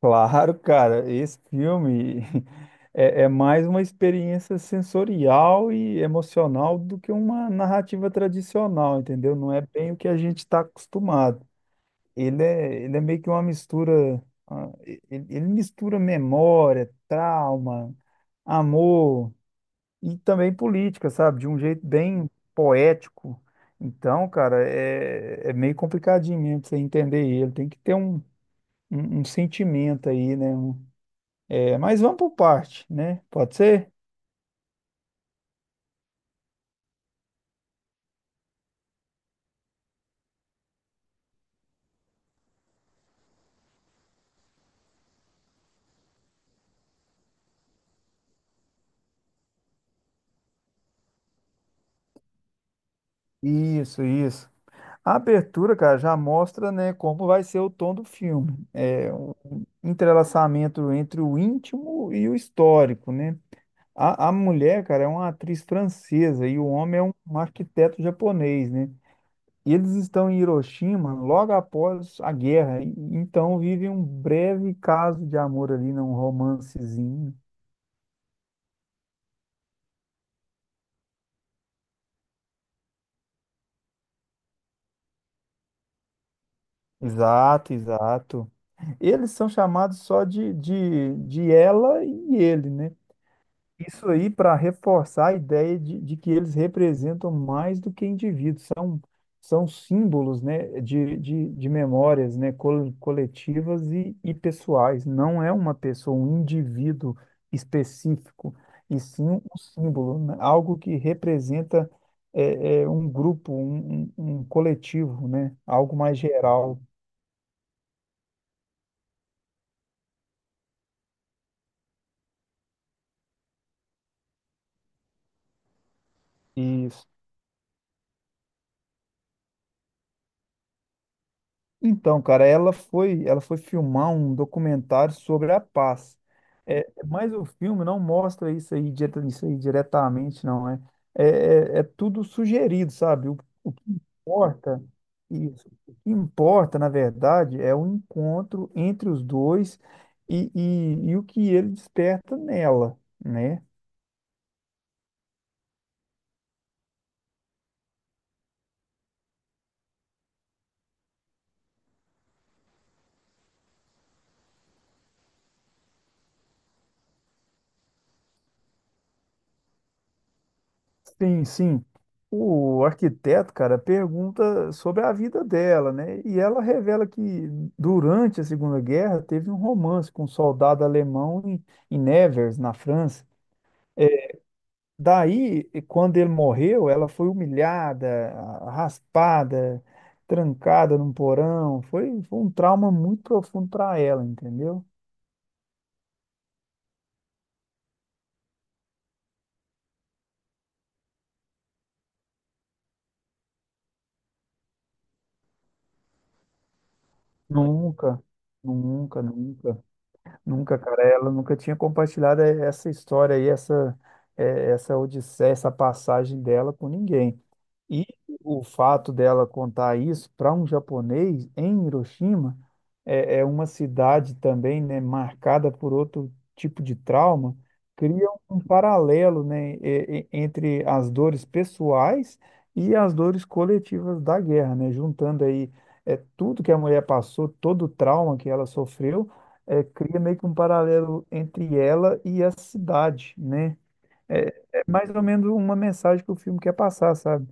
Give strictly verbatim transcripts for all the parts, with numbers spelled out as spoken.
Claro, cara, esse filme é, é mais uma experiência sensorial e emocional do que uma narrativa tradicional, entendeu? Não é bem o que a gente está acostumado. Ele é, ele é meio que uma mistura, ah, e- ele, ele mistura memória, trauma, amor e também política, sabe? De um jeito bem poético. Então, cara, é, é meio complicadinho mesmo pra você entender ele. Tem que ter um, um, um sentimento aí, né? Um, é, mas vamos por parte, né? Pode ser? Isso, isso. A abertura, cara, já mostra, né, como vai ser o tom do filme. É um entrelaçamento entre o íntimo e o histórico, né? A, a mulher, cara, é uma atriz francesa e o homem é um, um arquiteto japonês, né? E Eles estão em Hiroshima logo após a guerra, e- então vivem um breve caso de amor ali, né? Um romancezinho. Exato, exato. Eles são chamados só de, de, de ela e ele, né? Isso aí para reforçar a ideia de, de que eles representam mais do que indivíduos, são, são símbolos, né, de, de, de memórias, né, col- coletivas e, e pessoais. Não é uma pessoa, um indivíduo específico, e sim um símbolo, né? Algo que representa é, é, um grupo, um, um um coletivo, né? Algo mais geral. Isso. Então, cara, ela foi, ela foi filmar um documentário sobre a paz. É, mas o filme não mostra isso aí, dire- isso aí diretamente, não. É, é, é é tudo sugerido, sabe? O, o que importa, isso, o que importa, na verdade, é o encontro entre os dois e, e, e o que ele desperta nela, né? Sim, sim. O arquiteto, cara, pergunta sobre a vida dela, né? E ela revela que durante a Segunda Guerra teve um romance com um soldado alemão em, em Nevers, na França. Daí, quando ele morreu, ela foi humilhada, raspada, trancada num porão. Foi, foi um trauma muito profundo para ela, entendeu? Nunca, nunca, nunca. Nunca, cara, ela nunca tinha compartilhado eh, essa história aí, essa, eh, essa odisseia, essa passagem dela com ninguém. E o fato dela contar isso para um japonês em Hiroshima é, é uma cidade também, né, marcada por outro tipo de trauma, cria um paralelo, né, e- e- entre as dores pessoais e as dores coletivas da guerra, né, juntando aí é, tudo que a mulher passou, todo o trauma que ela sofreu, é, cria meio que um paralelo entre ela e a cidade, né? É, é mais ou menos uma mensagem que o filme quer passar, sabe?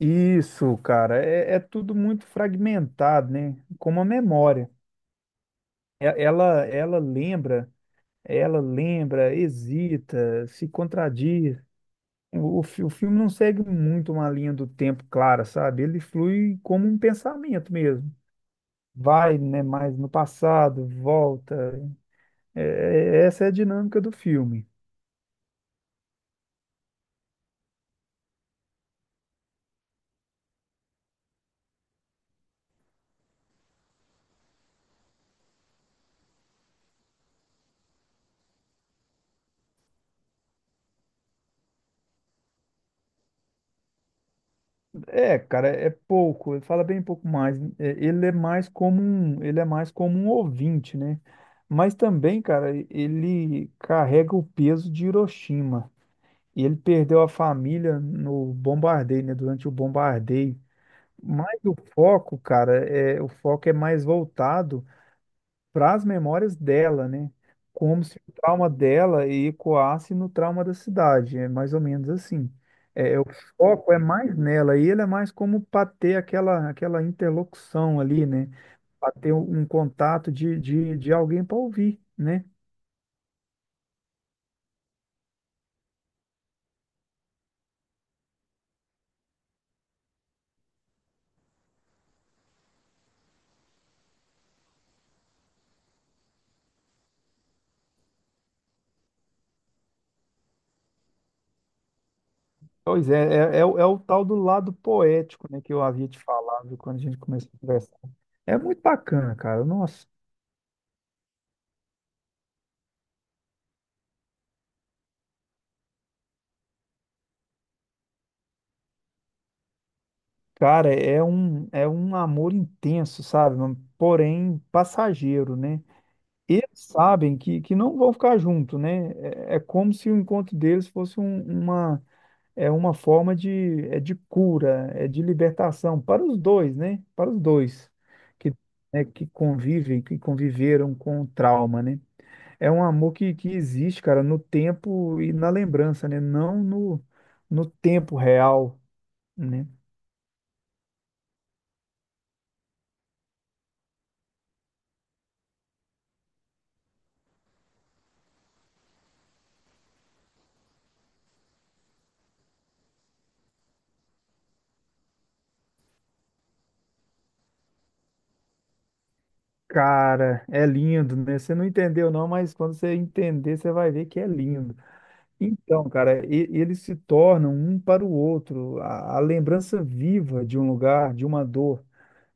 Isso, cara, é, é tudo muito fragmentado, né? Como a memória. E- Ela, ela lembra, Ela lembra, hesita, se contradiz. O, o fi- o filme não segue muito uma linha do tempo clara, sabe? Ele flui como um pensamento mesmo. Vai, né, mais no passado, volta. É- é- Essa é a dinâmica do filme. É, cara, é pouco, ele fala bem pouco mais. É, Ele é mais como um, ele é mais como um ouvinte, né? Mas também, cara, ele carrega o peso de Hiroshima. E ele perdeu a família no bombardeio, né? Durante o bombardeio. Mas o foco, cara, é, o foco é mais voltado para as memórias dela, né? Como se o trauma dela ecoasse no trauma da cidade, é mais ou menos assim. É, o foco é mais nela e ele é mais como para ter aquela, aquela interlocução ali, né? Para ter um, um contato de, de, de alguém para ouvir, né? Pois é, é, é, o, é o tal do lado poético, né, que eu havia te falado quando a gente começou a conversar. É muito bacana, cara. Nossa, cara, é um, é um amor intenso, sabe? Porém passageiro, né? eles sabem que, que não vão ficar juntos, né? É, é como se o encontro deles fosse um- uma, é uma forma de, é de cura, é de libertação para os dois, né? Para os dois que, né, que convivem, que conviveram com o trauma, né? É um amor que, que existe, cara, no tempo e na lembrança, né? Não no, no tempo real, né? Cara, é lindo, né? Você não entendeu não, mas quando você entender, você vai ver que é lindo. Então, cara, e- eles se tornam um para o outro, a, a lembrança viva de um lugar, de uma dor.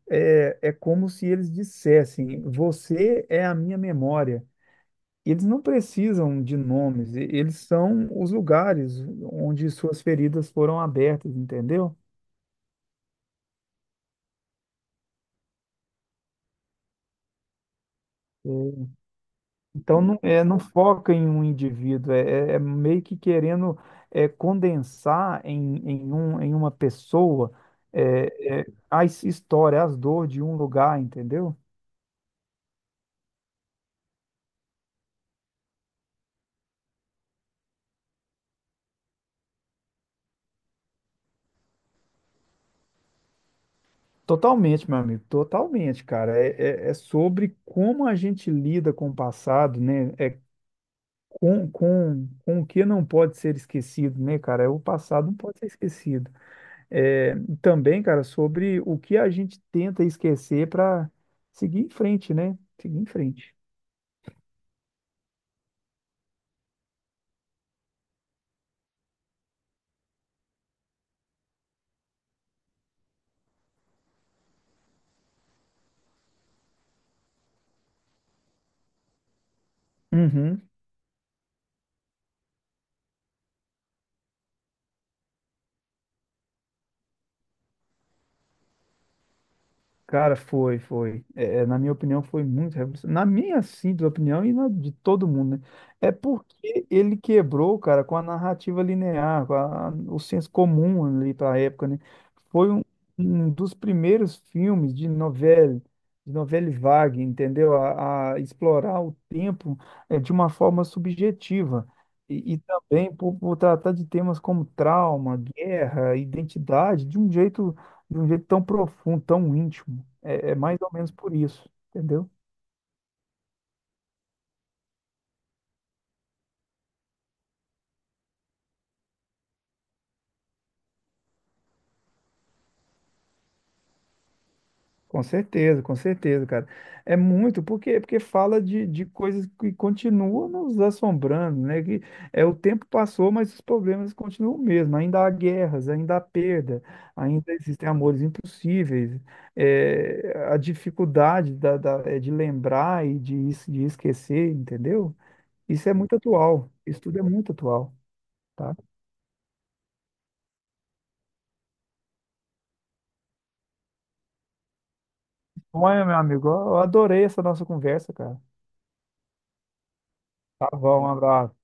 É, é como se eles dissessem: Você é a minha memória. Eles não precisam de nomes, e- eles são os lugares onde suas feridas foram abertas, entendeu? Então, não, é, não foca em um indivíduo, é, é- é meio que querendo é, condensar em, em, um, em uma pessoa é, é, a his- história, as dores de um lugar, entendeu? Totalmente, meu amigo, totalmente, cara. É, é, é sobre como a gente lida com o passado, né? É com, com, com o que não pode ser esquecido, né, cara? É, o passado não pode ser esquecido. É, Também, cara, sobre o que a gente tenta esquecer para seguir em frente, né? Seguir em frente. Uhum. Cara, foi, foi. É, é, na minha opinião, foi muito revolucionário. Na minha simples opinião e na de todo mundo, né? É porque ele quebrou, cara, com a narrativa linear, com a- o senso comum ali para a época, né? Foi um, um dos primeiros filmes de novela, de novela vague, entendeu? A, a explorar o tempo é, de uma forma subjetiva. E, e também por, por tratar de temas como trauma, guerra, identidade, de um jeito de um jeito tão profundo, tão íntimo. É, é mais ou menos por isso, entendeu? Com certeza, com certeza, cara. É muito, porque porque fala de, de coisas que continuam nos assombrando, né? Que é o tempo passou, mas os problemas continuam o mesmo. Ainda há guerras, ainda há perda, ainda existem amores impossíveis. É, a dificuldade da, da- é de lembrar e de, es- de esquecer, entendeu? Isso é muito atual. Isso tudo é muito atual, tá? Bom, é, meu amigo, eu adorei essa nossa conversa, cara. Tá bom, um abraço.